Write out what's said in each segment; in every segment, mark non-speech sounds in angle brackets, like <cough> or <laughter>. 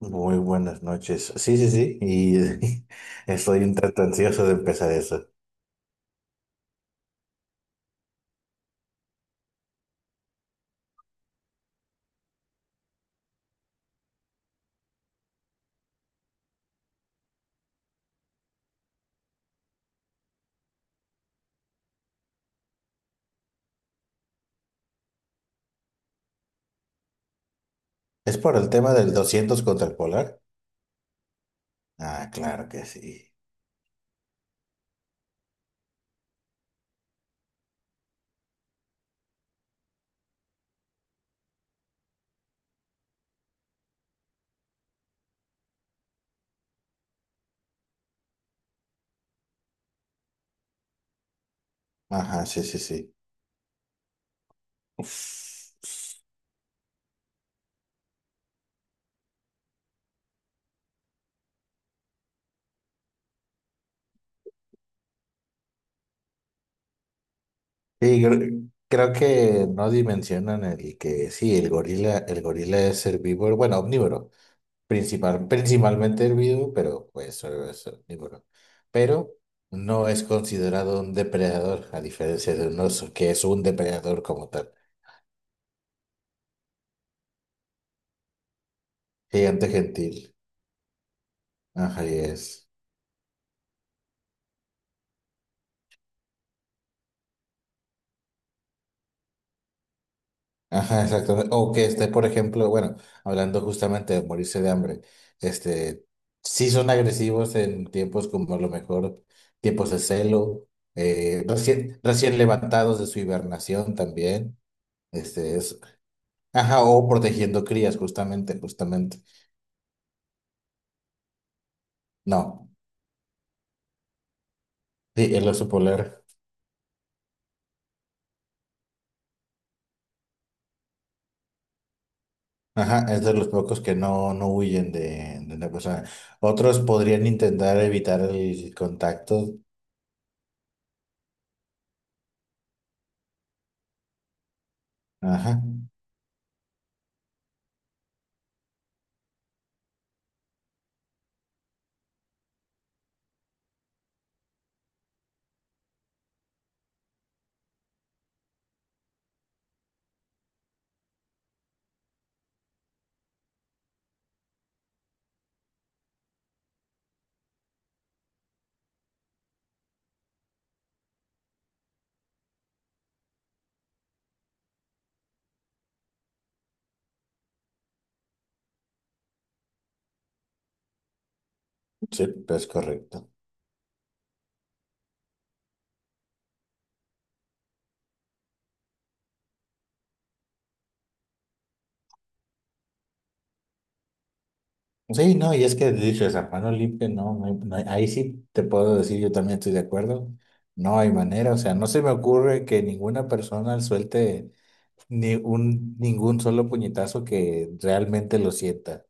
Muy buenas noches. Sí, sí, sí. Y <laughs> estoy un tanto ansioso de empezar eso. ¿Es por el tema del 200 contra el polar? Ah, claro que sí. Ajá, sí, sí, sí. Uf. Sí, creo que no dimensionan el que sí, el gorila es herbívoro, bueno, omnívoro, principalmente herbívoro, pero pues solo es omnívoro. Pero no es considerado un depredador, a diferencia de un oso, que es un depredador como tal. Gigante gentil. Ajá, y es. Ajá, exactamente. O que esté, por ejemplo, bueno, hablando justamente de morirse de hambre, este, sí son agresivos en tiempos como a lo mejor tiempos de celo, recién levantados de su hibernación también, este es, ajá, o protegiendo crías, justamente. No, sí, el oso polar, ajá, es de los pocos que no, no huyen de una persona. Otros podrían intentar evitar el contacto, ajá. Sí, es correcto. Sí, no, y es que dices, a mano limpia, no, ahí sí te puedo decir, yo también estoy de acuerdo. No hay manera, o sea, no se me ocurre que ninguna persona suelte ni un, ningún solo puñetazo que realmente lo sienta.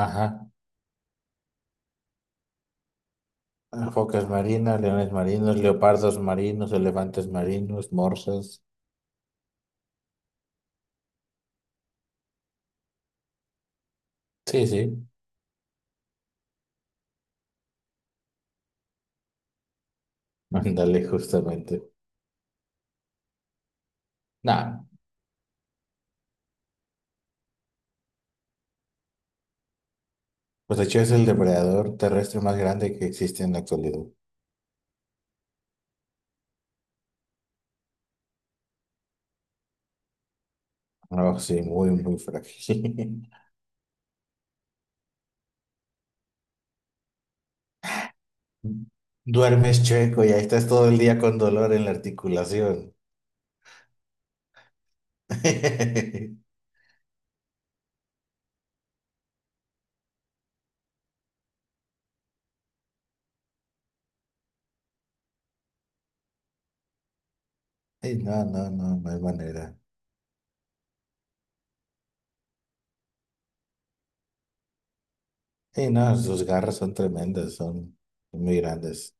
Ajá. Focas marinas, leones marinos, leopardos marinos, elefantes marinos, morsas. Sí, sí. <laughs> Ándale, justamente. Nah, pues de hecho es el depredador terrestre más grande que existe en la actualidad. No, sí, muy, muy frágil. <laughs> Duermes chueco y ahí estás todo el día con dolor en la articulación. <laughs> Ey, no, no, no, no hay manera. Ey, no, sus garras son tremendas, son muy grandes.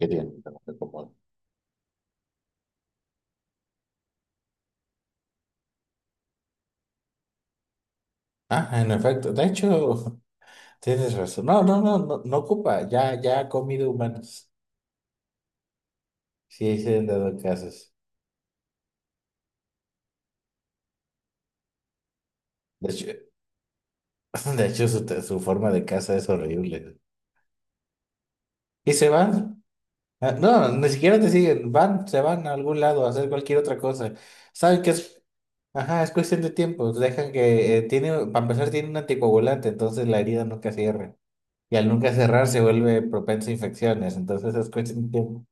Qué bien, pero qué cómodo. Ah, en efecto, de hecho, <laughs> tienes razón. No, no, no, no, no ocupa, ya, ya ha comido humanos. Sí, se han dado casos. De hecho, <laughs> de hecho su forma de caza es horrible. Y se van. Ah, no, ni siquiera te siguen, van, se van a algún lado a hacer cualquier otra cosa. Saben que es, ajá, es cuestión de tiempo. Dejan que, tiene, para empezar, tiene un anticoagulante, entonces la herida nunca cierra. Y al nunca cerrar se vuelve propensa a infecciones, entonces es cuestión de tiempo.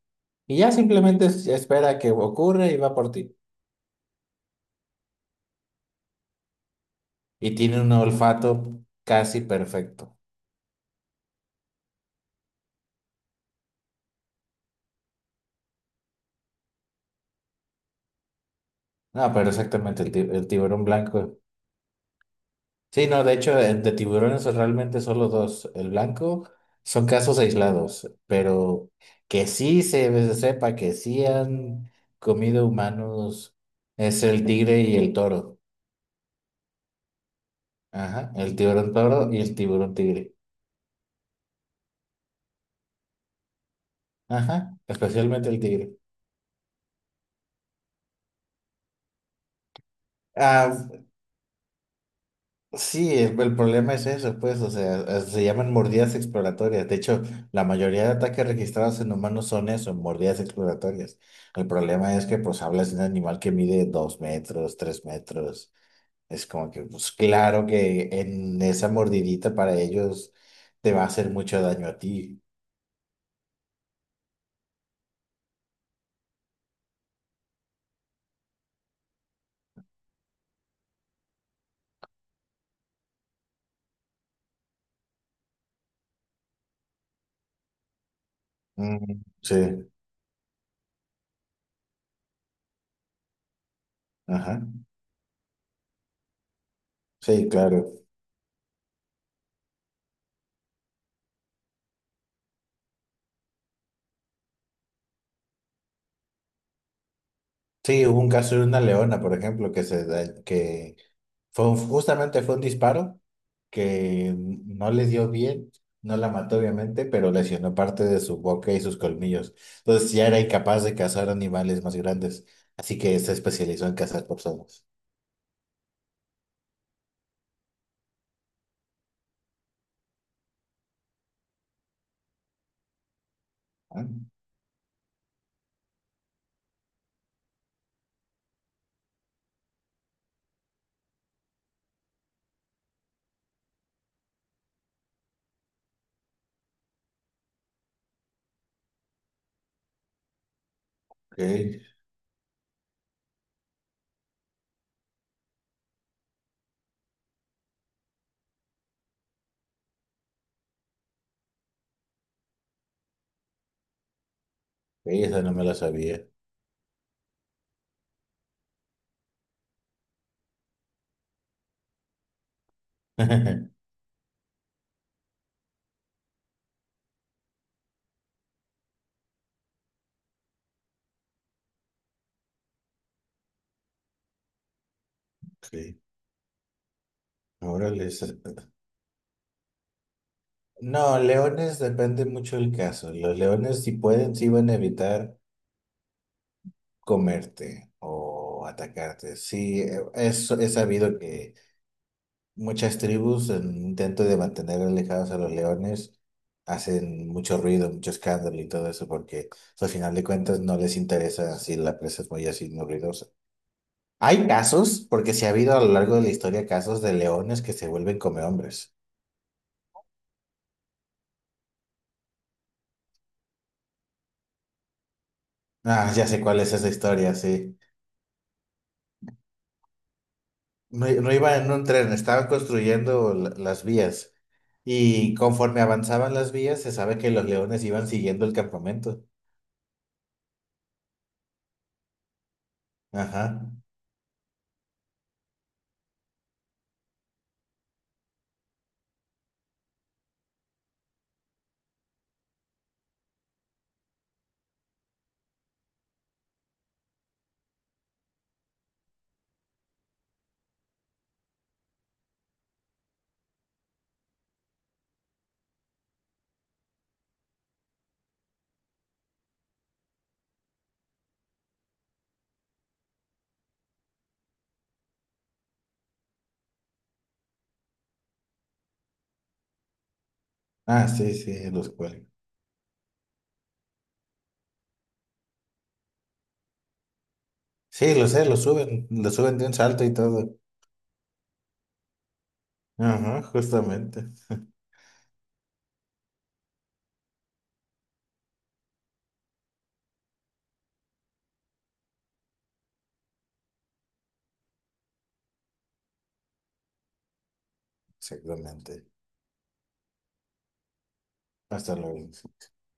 Y ya simplemente espera que ocurra y va por ti. Y tiene un olfato casi perfecto. No, pero exactamente, el tiburón blanco. Sí, no, de hecho, de tiburones realmente solo dos. El blanco son casos aislados, pero que sí se sepa que sí han comido humanos es el tigre y el toro. Ajá, el tiburón toro y el tiburón tigre. Ajá, especialmente el tigre. Ah, sí, el problema es eso, pues, o sea, se llaman mordidas exploratorias. De hecho, la mayoría de ataques registrados en humanos son eso, mordidas exploratorias. El problema es que, pues, hablas de un animal que mide 2 metros, 3 metros. Es como que, pues, claro que en esa mordidita para ellos te va a hacer mucho daño a ti. Mm, sí, ajá, sí, claro. Sí, hubo un caso de una leona, por ejemplo, que fue justamente fue un disparo que no le dio bien, no la mató obviamente, pero lesionó parte de su boca y sus colmillos. Entonces ya era incapaz de cazar animales más grandes, así que se especializó en cazar personas. Ah, ok, ok, esa no me la sabía. <laughs> Ok, ahora les... No, leones depende mucho del caso. Los leones si pueden, sí van a evitar comerte o atacarte. Sí, es sabido que muchas tribus, en un intento de mantener alejados a los leones, hacen mucho ruido, mucho escándalo y todo eso, porque pues, al final de cuentas no les interesa si la presa es muy así, muy ruidosa. Hay casos, porque sí ha habido a lo largo de la historia casos de leones que se vuelven hombres. Ah, ya sé cuál es esa historia, sí. No, no iban en un tren, estaban construyendo las vías. Y conforme avanzaban las vías, se sabe que los leones iban siguiendo el campamento. Ajá. Ah, sí, sí, los cuales. Sí, lo sé, lo suben de un salto y todo. Ajá, justamente. Exactamente. Hasta luego.